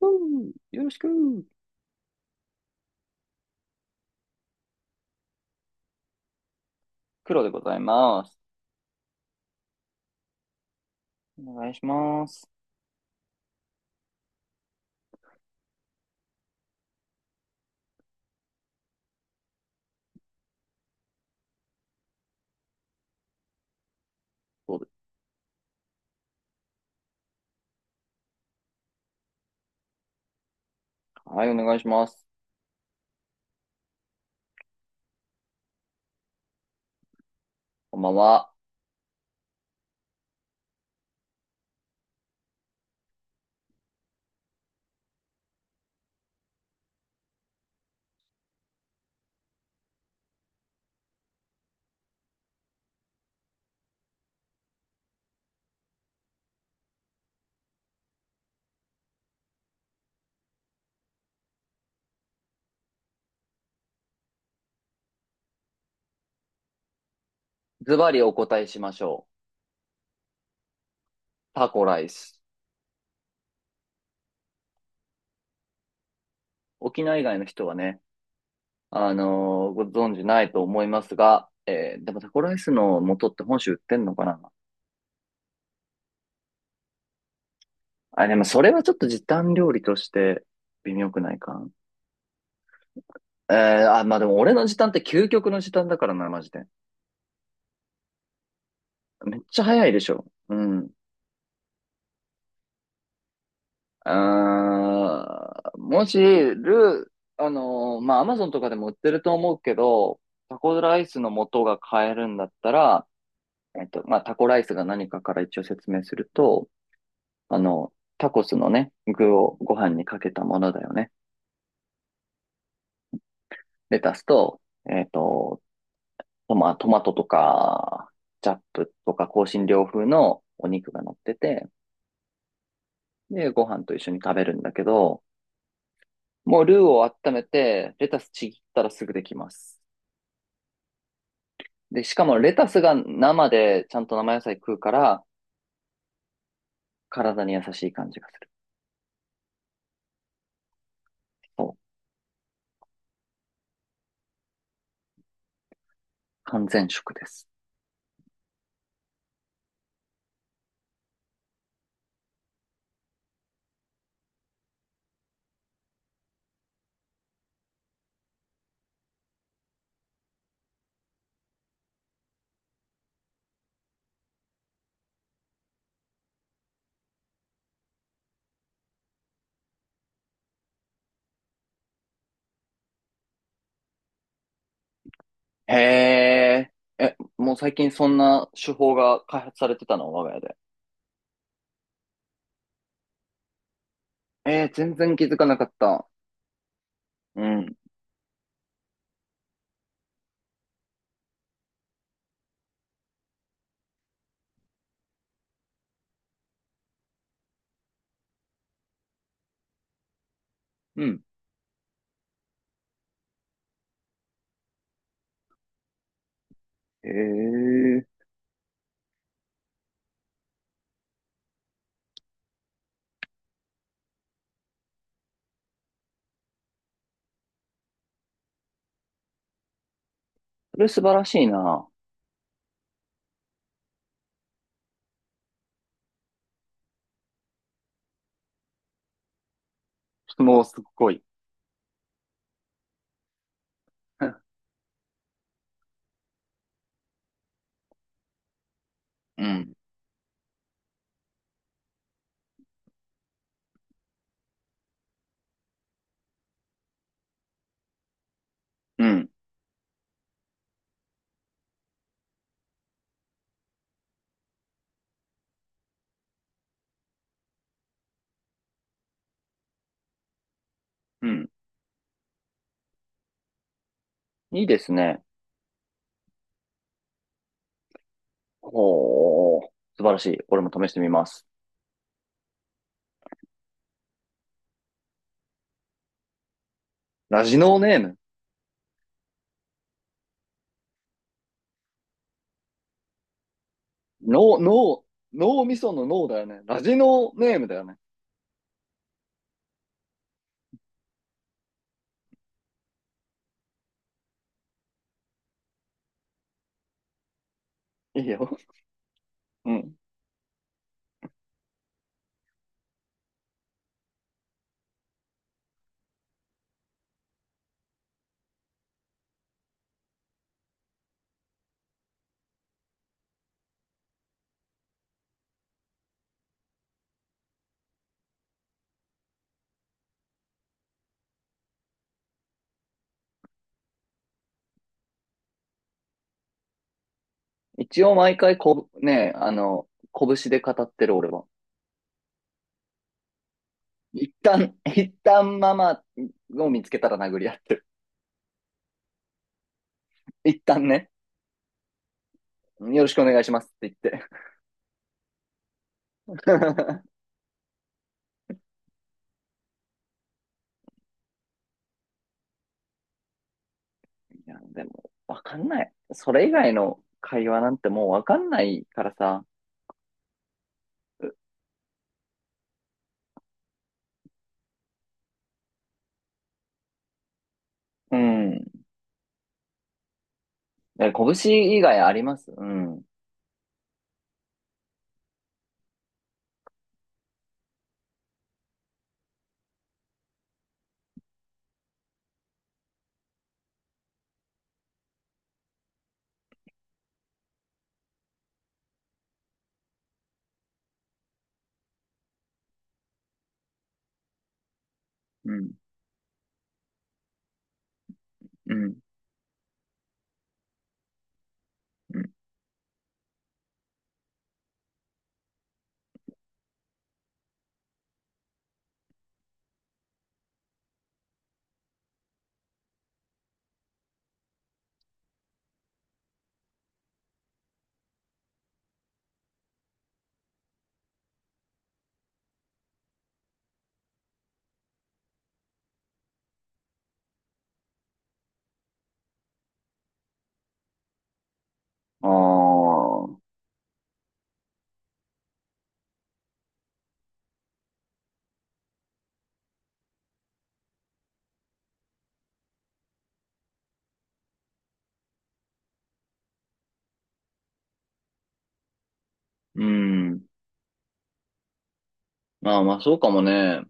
うん、よろしく。黒でございます。お願いします。そうですか。はい、お願いします。こんばんは。ズバリお答えしましょう。タコライス。沖縄以外の人はね、ご存知ないと思いますが、でもタコライスの素って本州売ってんのかな。あ、でもそれはちょっと時短料理として微妙くないか。まあでも俺の時短って究極の時短だからな、マジで。めっちゃ早いでしょ。うん。うーん、もし、ルー、あのーまあ、アマゾンとかでも売ってると思うけど、タコライスの素が買えるんだったら、まあ、タコライスが何かから一応説明すると、あの、タコスのね、具をご飯にかけたものだよね。レタスと、えっと、トマトとか、チャップとか、香辛料風のお肉が乗ってて、で、ご飯と一緒に食べるんだけど、もうルーを温めて、レタスちぎったらすぐできます。で、しかもレタスが生でちゃんと生野菜食うから、体に優しい感じがする。そう。完全食です。へえ。え、もう最近そんな手法が開発されてたの、我が家で。えー、全然気づかなかった。うん。うん。へえ。それ素晴らしいな。質問すっごい。うん。うん。うん。いいですね。ほう、素晴らしい。俺も試してみます。ラジノーネーム。ノー、ノー、脳みその脳だよね。ラジノーネームだよね。いいよ。うん。一応毎回こぶ、ね、あの、拳で語ってる俺は。一旦ママを見つけたら殴り合ってる。一旦ね、よろしくお願いしますって言って。いや、でも、わかんない。それ以外の会話なんてもうわかんないからさ。うん。え、拳以外あります？うん。うん。うん。うん。ああ。うん。まあまあ、そうかもね。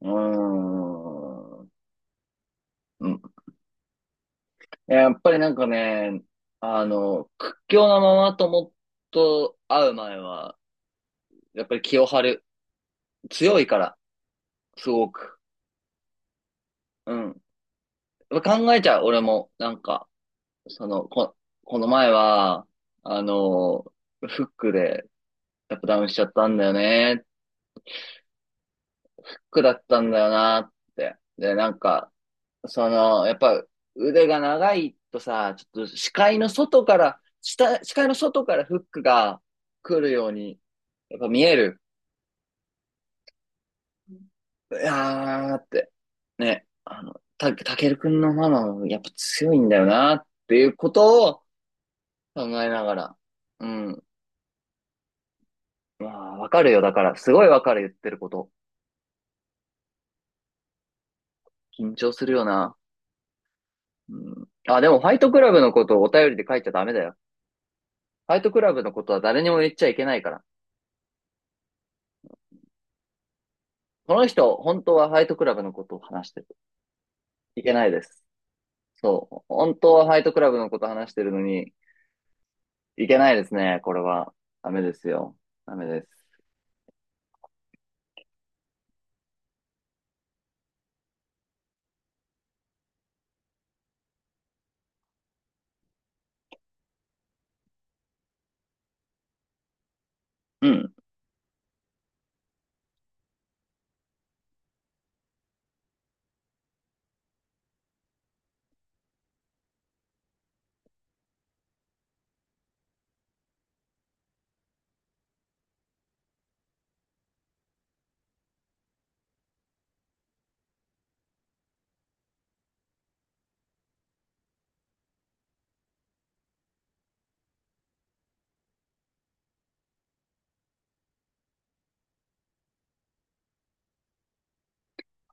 うーん。やっぱりなんかね、あの、屈強なママ友と会う前は、やっぱり気を張る。強いから、すごく。うん。やっぱ考えちゃう、俺も。その、こ、この前は、あの、フックで、やっぱダウンしちゃったんだよね。フックだったんだよなって。で、なんか、その、やっぱ腕が長いとさ、ちょっと視界の外から、下視界の外からフックが来るように、やっぱ見える。いやーって、ね、あの、た、たけるくんのママもやっぱ強いんだよなっていうことを考えながら、うん。まあ、わかるよ。だから、すごいわかる、言ってること。緊張するよな。うん。あ、でも、ファイトクラブのことをお便りで書いちゃダメだよ。ファイトクラブのことは誰にも言っちゃいけないから。この人、本当はファイトクラブのことを話してる。いけないです。そう。本当はファイトクラブのことを話してるのに、いけないですね、これは。ダメですよ。ダメです。うん。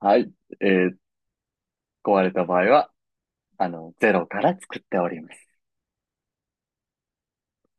はい。えー、壊れた場合は、あの、ゼロから作っております。